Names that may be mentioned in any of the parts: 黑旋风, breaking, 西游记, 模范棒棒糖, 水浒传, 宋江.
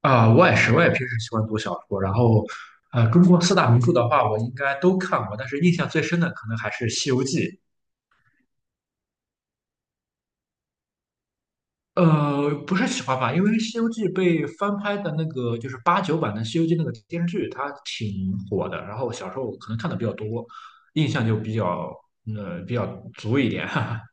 啊、我也是，我也平时喜欢读小说。然后，中国四大名著的话，我应该都看过，但是印象最深的可能还是《西游记》。不是喜欢吧，因为《西游记》被翻拍的那个就是八九版的《西游记》那个电视剧，它挺火的。然后小时候可能看的比较多，印象就比较呃比较足一点。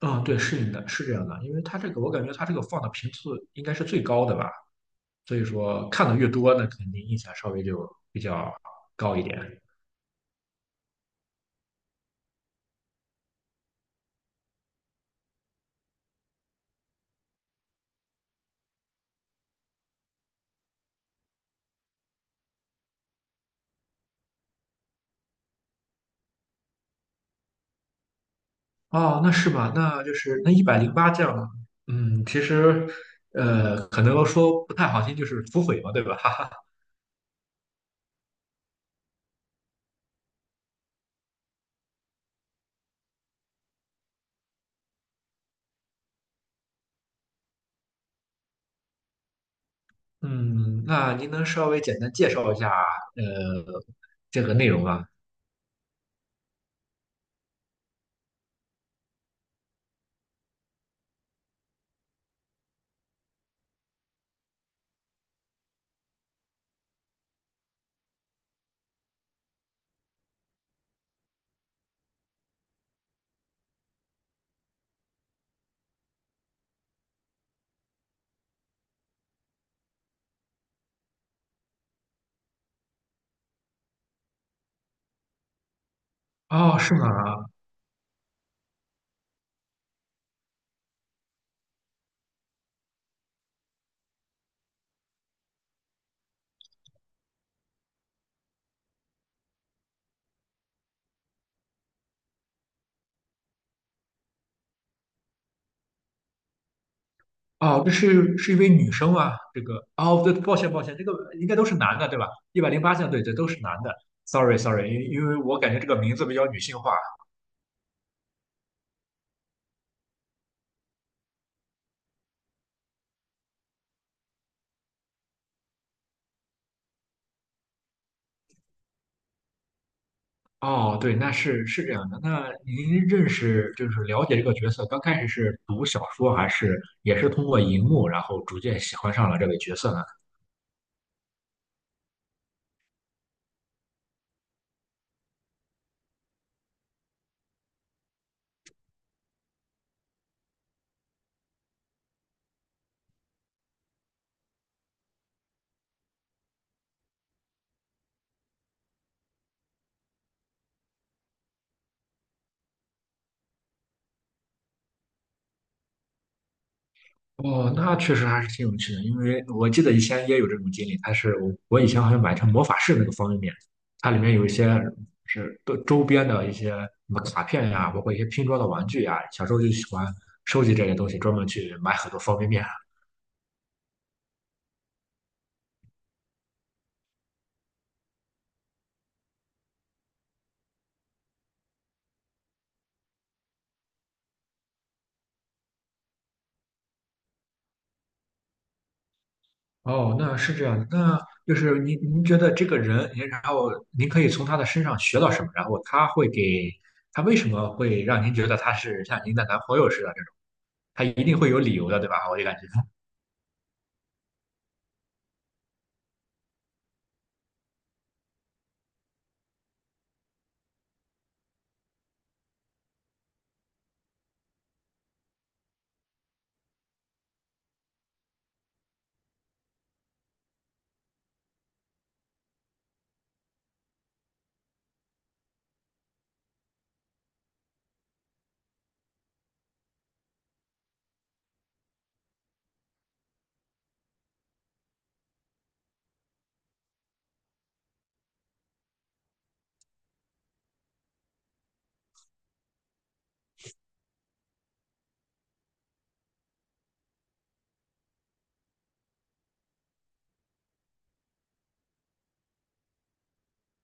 嗯，对，是的，是这样的，因为它这个我感觉它这个放的频次应该是最高的吧，所以说看的越多，那肯定印象稍微就比较高一点。哦，那是吧？那就是那一百零八将，嗯，其实，可能说不太好听，就是土匪嘛，对吧？哈哈。嗯，那您能稍微简单介绍一下，呃，这个内容吗？哦，是吗？哦，这是一位女生吗？这个，哦，对，抱歉，抱歉，这个应该都是男的，对吧？一百零八将，对对，都是男的。Sorry，Sorry，因为我感觉这个名字比较女性化。哦，对，那是这样的。那您认识就是了解这个角色，刚开始是读小说，还是也是通过荧幕，然后逐渐喜欢上了这个角色呢？哦，那确实还是挺有趣的，因为我记得以前也有这种经历。它是我以前好像买成魔法师那个方便面，它里面有一些是边的一些什么卡片呀，包括一些拼装的玩具呀。小时候就喜欢收集这些东西，专门去买很多方便面。哦，那是这样的，那就是您觉得这个人，您然后您可以从他的身上学到什么？然后他会给他为什么会让您觉得他是像您的男朋友似的这种？他一定会有理由的，对吧？我就感觉。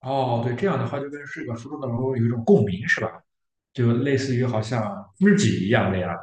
哦，对，这样的话就跟这个书中的人物有一种共鸣，是吧？就类似于好像知己一样那样。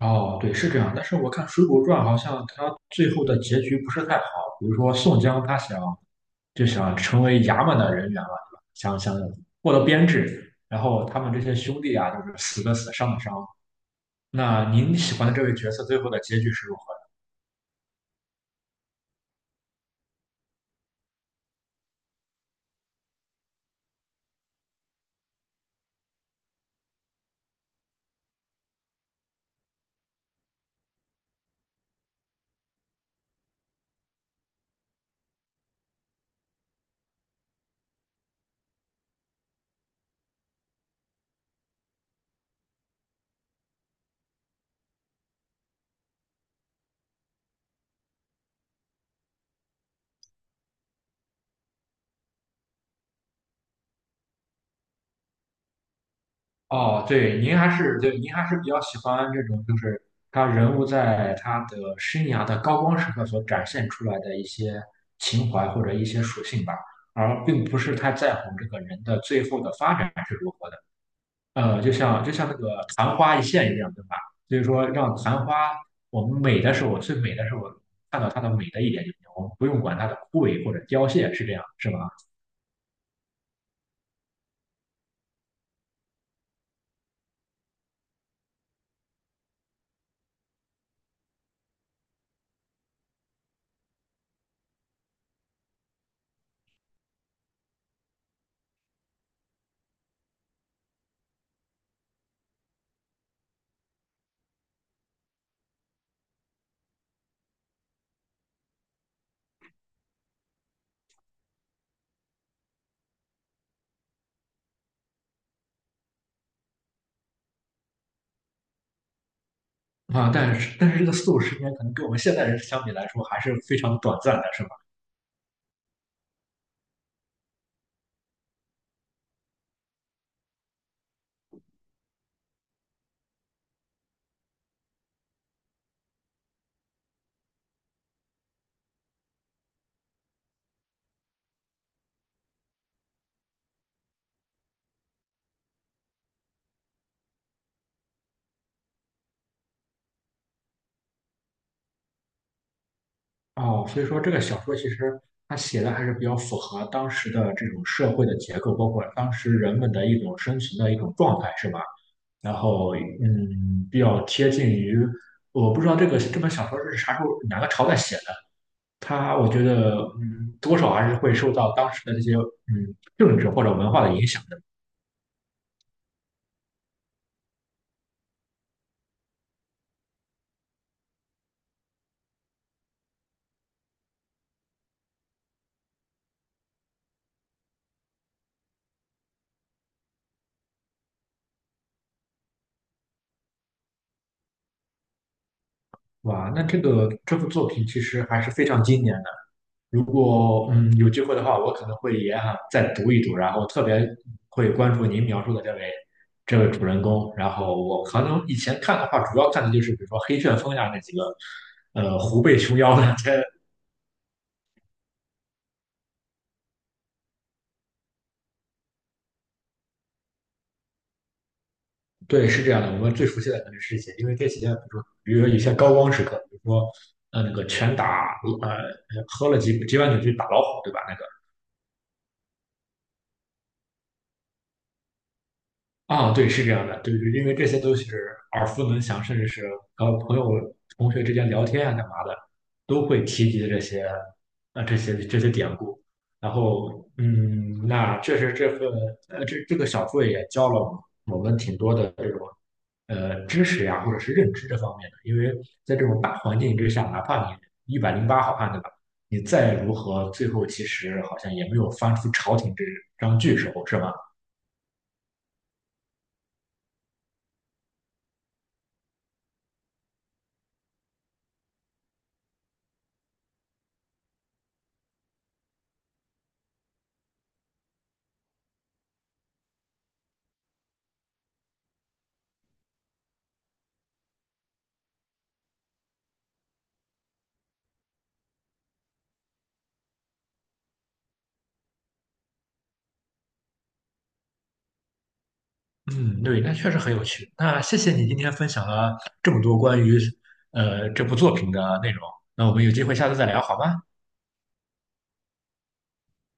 哦，对，是这样。但是我看《水浒传》好像它最后的结局不是太好，比如说宋江他想就想成为衙门的人员嘛，对吧？想获得编制，然后他们这些兄弟啊，就是死的死，伤的伤。那您喜欢的这位角色最后的结局是如何？哦，对，您还是对，您还是比较喜欢这种，就是他人物在他的生涯的高光时刻所展现出来的一些情怀或者一些属性吧，而并不是太在乎这个人的最后的发展是如何的。就像那个昙花一现一样，对吧？所以说，让昙花我们美的时候，最美的时候看到它的美的一点就行，我们不用管它的枯萎或者凋谢，是这样，是吧？啊，但是这个4、50年可能跟我们现代人相比来说还是非常短暂的，是吧？哦，所以说这个小说其实它写的还是比较符合当时的这种社会的结构，包括当时人们的一种生存的一种状态，是吧？然后，嗯，比较贴近于，我不知道这个这本小说是啥时候哪个朝代写的，它我觉得，嗯，多少还是会受到当时的这些，嗯，政治或者文化的影响的。哇，那这个这部作品其实还是非常经典的如果嗯有机会的话，我可能会也想再读一读，然后特别会关注您描述的这位主人公。然后我可能以前看的话，主要看的就是比如说黑旋风呀那几个，虎背熊腰的。这对是这样的，我们最熟悉的肯定是这些，因为这些比如说有些高光时刻，比如说那个拳打喝了几碗酒去打老虎，对吧？那个。啊，对，是这样的，对对，因为这些都是耳熟能详，甚至是和朋友、同学之间聊天啊、干嘛的，都会提及这些，啊，这些典故。然后，嗯，那确实这份，这个小说也教了我们挺多的这种，知识呀，或者是认知这方面的。因为在这种大环境之下，哪怕你108好汉，对吧？你再如何，最后其实好像也没有翻出朝廷这张巨手，是吧？嗯，对，那确实很有趣。那谢谢你今天分享了这么多关于这部作品的内容。那我们有机会下次再聊，好吗？